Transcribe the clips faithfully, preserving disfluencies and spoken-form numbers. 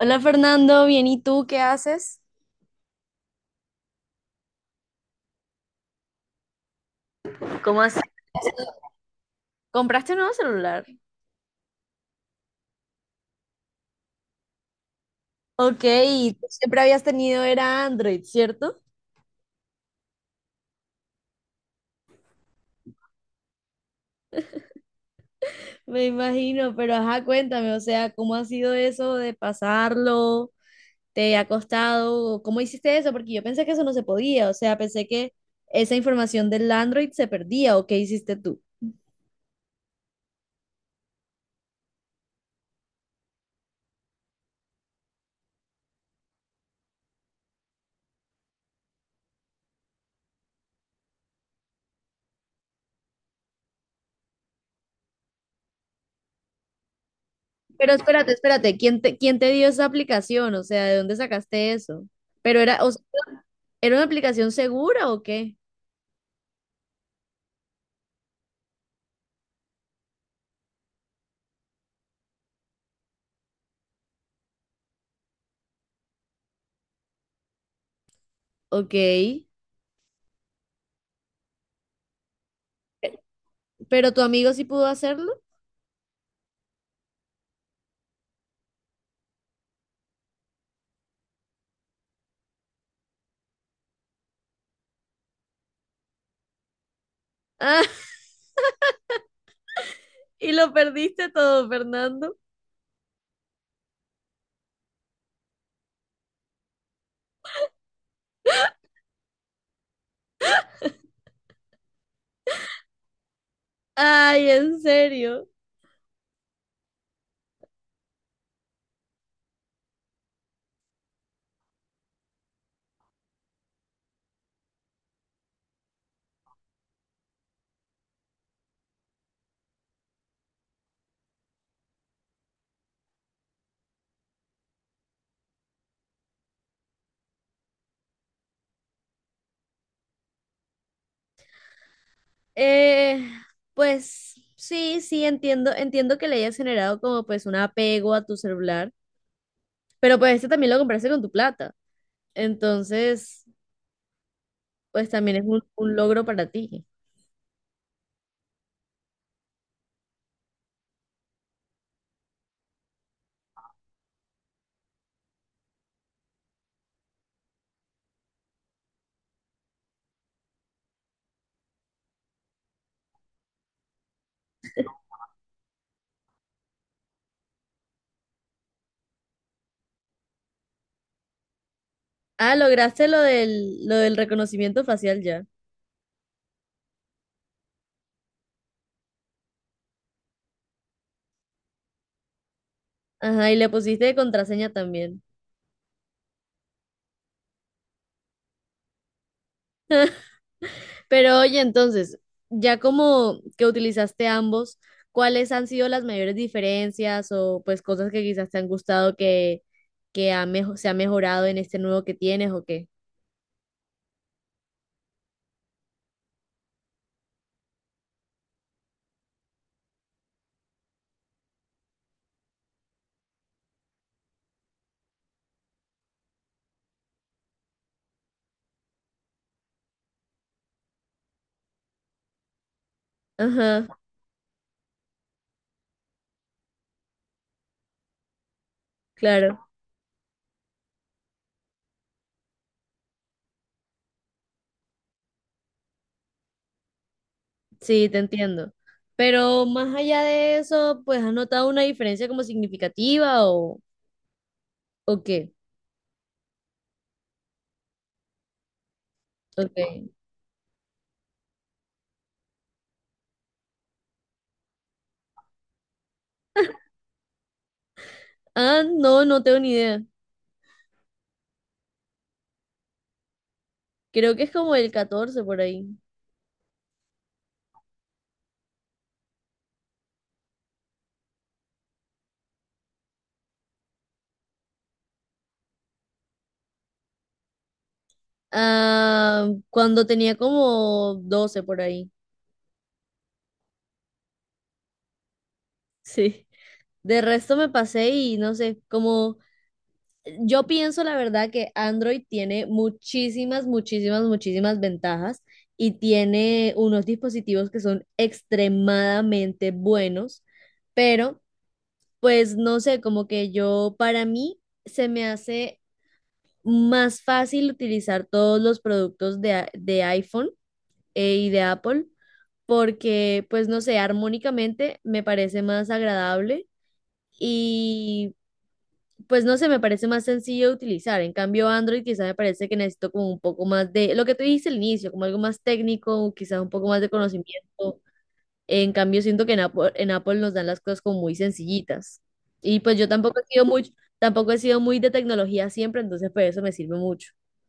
Hola Fernando, bien, ¿y tú qué haces? ¿Cómo así? ¿Compraste un nuevo celular? Ok, tú siempre habías tenido era Android, ¿cierto? Me imagino, pero ajá, cuéntame, o sea, ¿cómo ha sido eso de pasarlo? ¿Te ha costado? ¿Cómo hiciste eso? Porque yo pensé que eso no se podía, o sea, pensé que esa información del Android se perdía, ¿o qué hiciste tú? Pero espérate, espérate, ¿quién te, quién te dio esa aplicación? O sea, ¿de dónde sacaste eso? Pero era, o sea, ¿era una aplicación segura o qué? Ok, pero tu amigo sí pudo hacerlo. Ah, y lo perdiste todo, Fernando. Ay, en serio. Eh, pues sí, sí, entiendo, entiendo que le hayas generado como pues un apego a tu celular, pero pues este también lo compraste con tu plata, entonces pues también es un, un logro para ti. Ah, lograste lo del, lo del reconocimiento facial ya. Ajá, y le pusiste de contraseña también. Pero oye, entonces, ya como que utilizaste ambos, ¿cuáles han sido las mayores diferencias o pues cosas que quizás te han gustado que, que ha mejo- se ha mejorado en este nuevo que tienes o qué? Ajá, claro, sí, te entiendo. Pero más allá de eso, pues ¿has notado una diferencia como significativa o, o qué? Okay. Ah, no, no tengo ni idea. Creo que es como el catorce por ahí. Ah, cuando tenía como doce por ahí. Sí. De resto me pasé y no sé, como yo pienso la verdad que Android tiene muchísimas, muchísimas, muchísimas ventajas y tiene unos dispositivos que son extremadamente buenos, pero pues no sé, como que yo para mí se me hace más fácil utilizar todos los productos de, a- de iPhone eh, y de Apple porque pues no sé, armónicamente me parece más agradable. Y pues no sé, me parece más sencillo de utilizar. En cambio, Android quizá me parece que necesito como un poco más de, lo que tú dijiste al inicio, como algo más técnico, quizá un poco más de conocimiento. En cambio, siento que en Apple, en Apple nos dan las cosas como muy sencillitas. Y pues yo tampoco he sido muy, tampoco he sido muy de tecnología siempre, entonces pues eso me sirve mucho.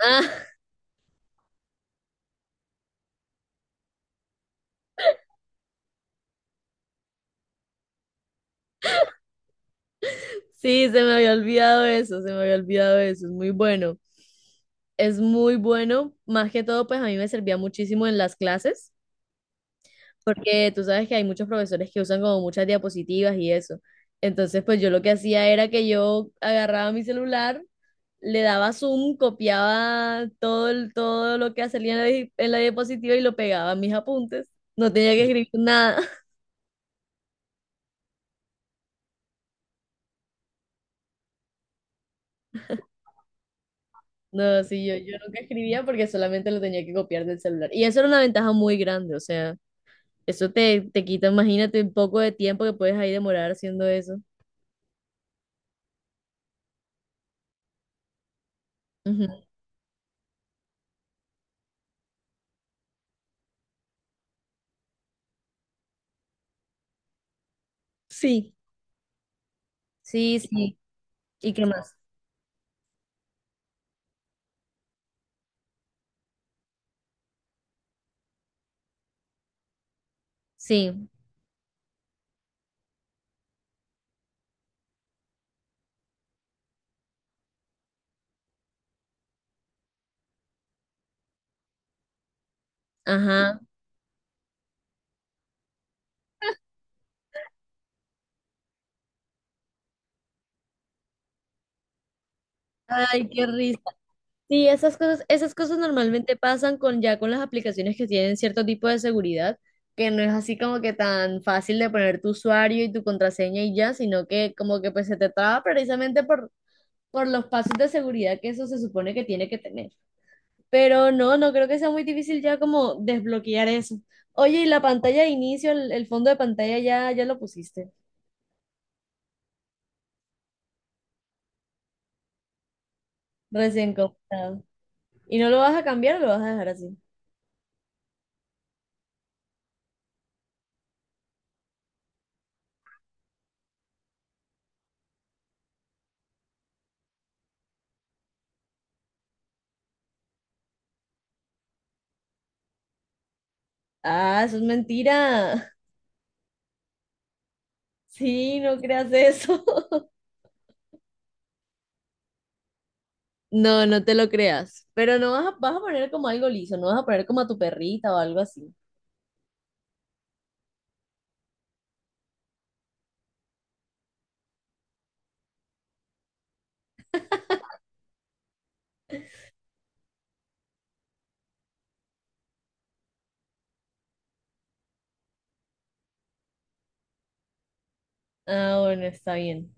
Ah, sí, se me había olvidado eso, se me había olvidado eso, es muy bueno. Es muy bueno, más que todo, pues a mí me servía muchísimo en las clases porque tú sabes que hay muchos profesores que usan como muchas diapositivas y eso. Entonces, pues yo lo que hacía era que yo agarraba mi celular, le daba zoom, copiaba todo, el- todo lo que salía en la, di- en la diapositiva y lo pegaba a mis apuntes. No tenía que escribir nada. No, sí, yo, yo nunca escribía porque solamente lo tenía que copiar del celular. Y eso era una ventaja muy grande, o sea, eso te, te quita, imagínate, un poco de tiempo que puedes ahí demorar haciendo eso. Ujú. Sí, sí, sí. ¿Y qué más? Sí. Ajá. Ay, qué risa. Sí, esas cosas, esas cosas normalmente pasan con ya con las aplicaciones que tienen cierto tipo de seguridad, que no es así como que tan fácil de poner tu usuario y tu contraseña y ya, sino que como que pues se te traba precisamente por, por los pasos de seguridad que eso se supone que tiene que tener. Pero no, no creo que sea muy difícil ya como desbloquear eso. Oye, y la pantalla de inicio, el, el fondo de pantalla ya, ya lo pusiste, recién comprado. ¿Y no lo vas a cambiar o lo vas a dejar así? Ah, eso es mentira. Sí, no creas eso. No, no te lo creas. Pero no vas a, vas a poner como algo liso, no vas a poner como a tu perrita o algo así. Ah, bueno, está bien.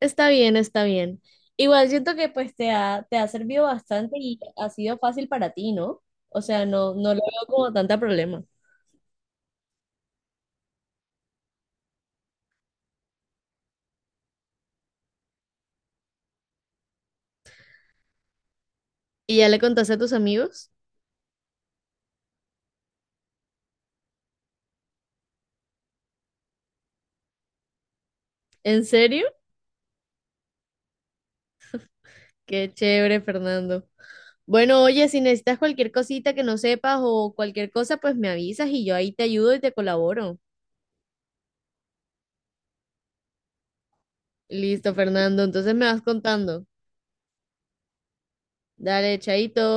Está bien, está bien. Igual siento que pues te ha, te ha servido bastante y ha sido fácil para ti, ¿no? O sea, no, no lo veo como tanta problema. ¿Y ya le contaste a tus amigos? ¿En serio? Qué chévere, Fernando. Bueno, oye, si necesitas cualquier cosita que no sepas o cualquier cosa, pues me avisas y yo ahí te ayudo y te colaboro. Listo, Fernando. Entonces me vas contando. Dale, chaito.